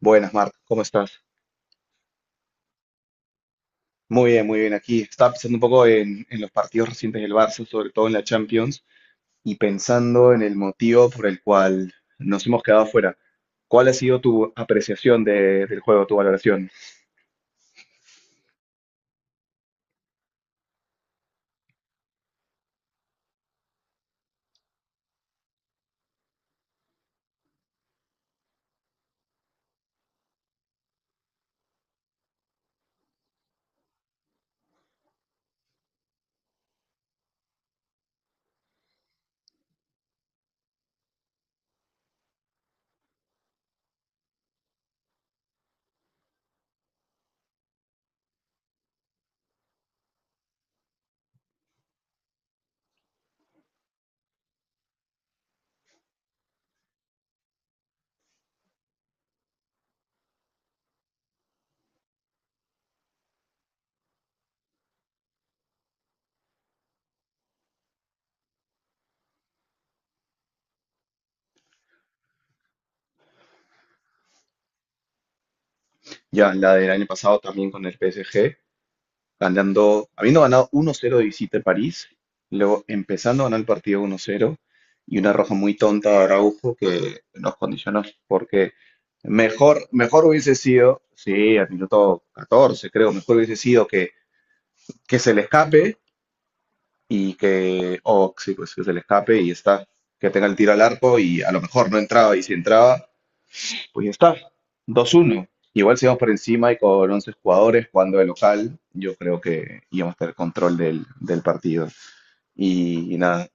Buenas, Marta, ¿cómo estás? Muy bien aquí. Estaba pensando un poco en los partidos recientes del Barça, sobre todo en la Champions, y pensando en el motivo por el cual nos hemos quedado fuera. ¿Cuál ha sido tu apreciación del juego, tu valoración? Ya, la del año pasado también con el PSG, ganando, habiendo ganado 1-0 de visita en París, luego empezando a ganar el partido 1-0 y una roja muy tonta de Araujo que nos condicionó porque mejor hubiese sido, sí, al minuto 14 creo, mejor hubiese sido que se le escape y que, o sí, pues que se le escape y está, que tenga el tiro al arco y a lo mejor no entraba y si entraba pues ya está, 2-1. Igual si vamos por encima y con 11 jugadores jugando de local, yo creo que íbamos a tener control del partido. Y nada,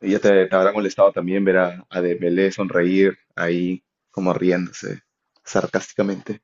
y ya te habrá molestado también ver a Dembélé sonreír ahí como riéndose sarcásticamente.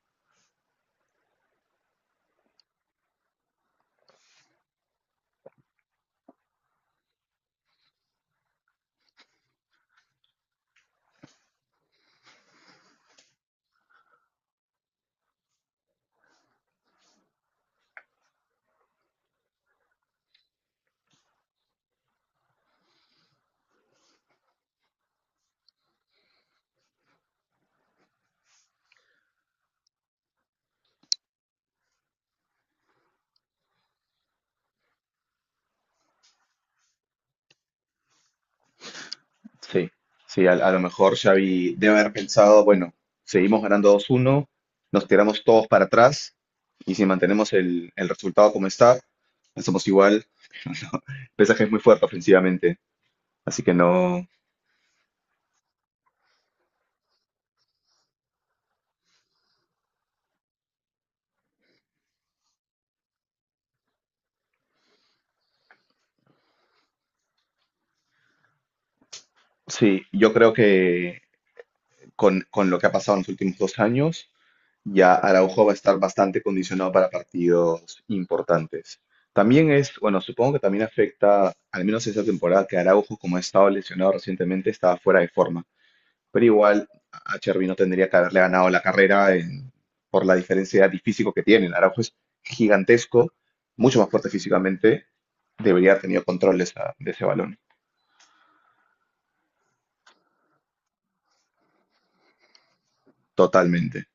Sí, sí, a lo mejor Xavi debe haber pensado, bueno, seguimos ganando 2-1, nos tiramos todos para atrás y si mantenemos el resultado como está, somos igual. PSG es muy fuerte ofensivamente, así que no. Sí, yo creo que con lo que ha pasado en los últimos dos años, ya Araujo va a estar bastante condicionado para partidos importantes. También es, bueno, supongo que también afecta, al menos esta temporada, que Araujo, como ha estado lesionado recientemente, estaba fuera de forma. Pero igual a Chervi no tendría que haberle ganado la carrera por la diferencia de edad y físico que tienen. Araujo es gigantesco, mucho más fuerte físicamente, debería haber tenido control de de ese balón, totalmente.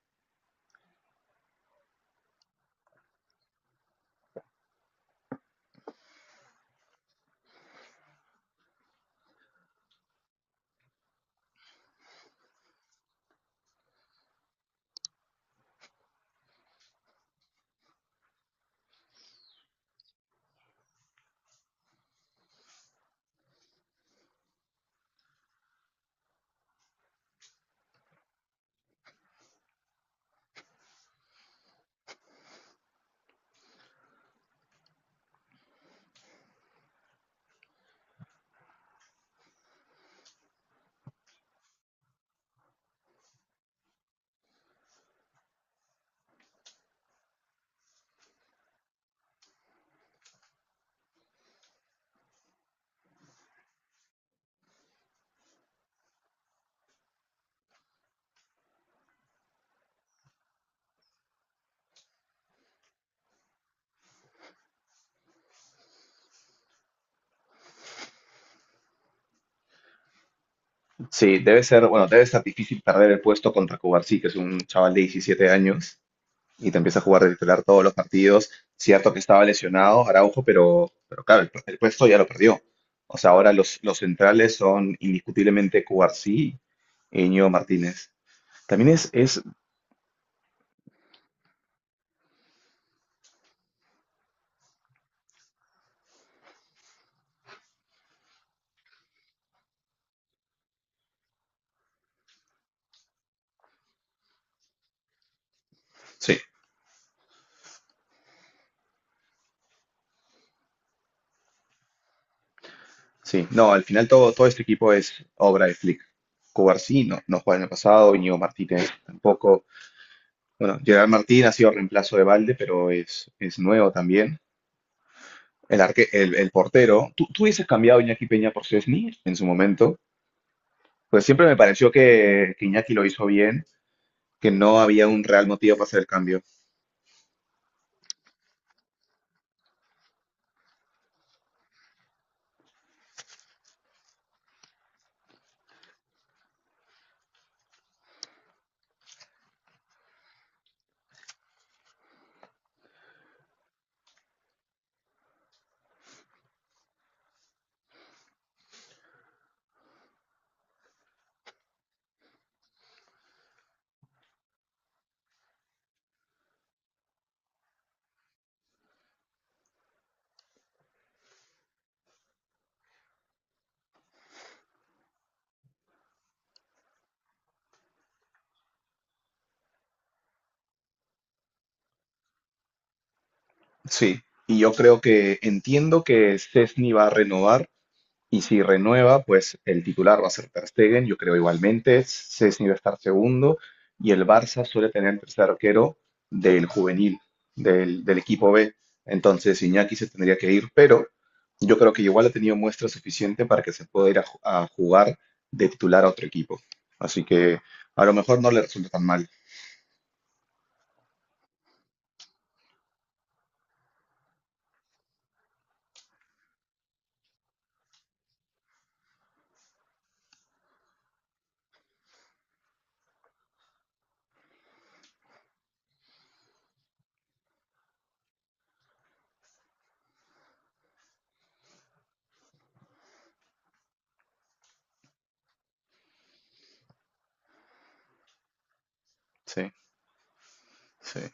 Sí, debe ser, bueno, debe estar difícil perder el puesto contra Cubarsí, que es un chaval de 17 años y te empieza a jugar de titular todos los partidos. Cierto que estaba lesionado Araujo, pero claro, el puesto ya lo perdió. O sea, ahora los centrales son indiscutiblemente Cubarsí y Íñigo Martínez. También es, es, sí, sí, no, al final todo este equipo es obra de Flick. Cubarsí no juega en el pasado, Íñigo Martínez tampoco. Bueno, Gerard Martín ha sido reemplazo de Valde, pero es nuevo también. El portero. ¿Tú hubieses cambiado a Iñaki Peña por Szczęsny en su momento? Pues siempre me pareció que Iñaki lo hizo bien, que no había un real motivo para hacer el cambio. Sí, y yo creo que entiendo que Szczęsny va a renovar. Y si renueva, pues el titular va a ser Ter Stegen, yo creo igualmente. Szczęsny va a estar segundo y el Barça suele tener el tercer arquero del juvenil, del equipo B. Entonces Iñaki se tendría que ir, pero yo creo que igual ha tenido muestra suficiente para que se pueda ir a, a jugar de titular a otro equipo. Así que a lo mejor no le resulta tan mal. Sí, sí.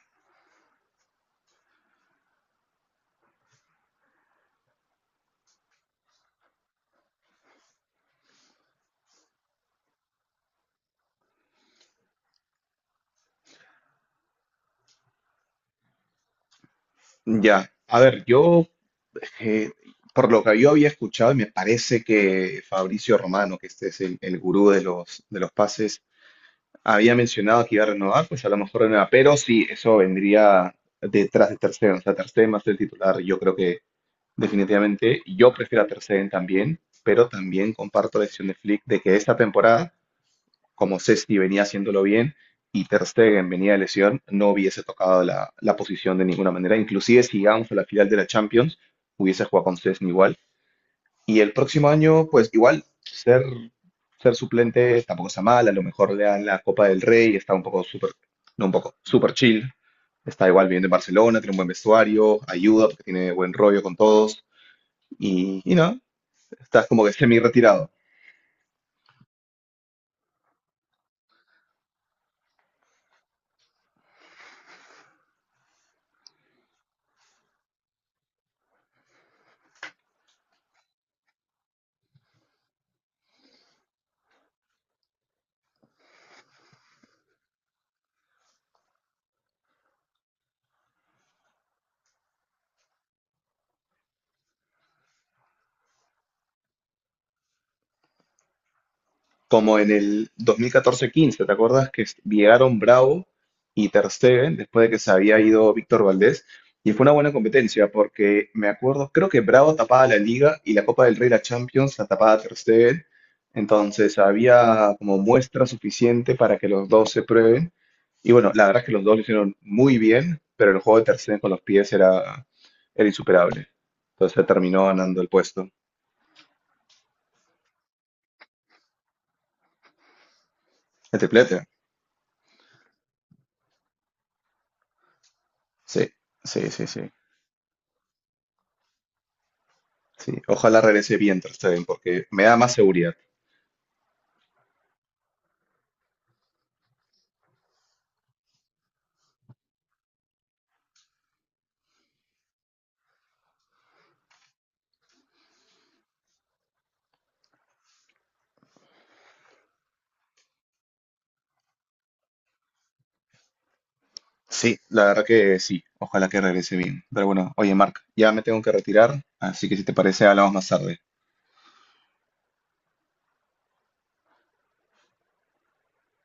Ya, a ver, yo. Eh, por lo que yo había escuchado, y me parece que Fabricio Romano, que este es el gurú de de los pases, había mencionado que iba a renovar, pues a lo mejor renueva, pero sí, eso vendría detrás de Ter Stegen, o sea, Ter Stegen va a ser el titular, yo creo que definitivamente, yo prefiero a Ter Stegen también, pero también comparto la decisión de Flick de que esta temporada, como Cesti venía haciéndolo bien, y Ter Stegen venía de lesión, no hubiese tocado la posición de ninguna manera, inclusive si llegamos a la final de la Champions, hubiese jugado con Cesti igual, y el próximo año, pues igual, ser suplente tampoco está mal. A lo mejor le dan la Copa del Rey, está un poco súper, no un poco, súper chill. Está igual viviendo en Barcelona, tiene un buen vestuario, ayuda porque tiene buen rollo con todos. Y no, estás como que semi retirado. Como en el 2014-15, ¿te acuerdas que llegaron Bravo y Ter Stegen después de que se había ido Víctor Valdés? Y fue una buena competencia porque me acuerdo, creo que Bravo tapaba la Liga y la Copa del Rey, la Champions, la tapaba Ter Stegen. Entonces había como muestra suficiente para que los dos se prueben. Y bueno, la verdad es que los dos lo hicieron muy bien, pero el juego de Ter Stegen con los pies era insuperable. Entonces terminó ganando el puesto. El triplete. Sí, sí, sí, sí. Sí, ojalá regrese bien Ter Stegen, porque me da más seguridad. Sí, la verdad que sí, ojalá que regrese bien. Pero bueno, oye, Marc, ya me tengo que retirar, así que si te parece, hablamos más tarde.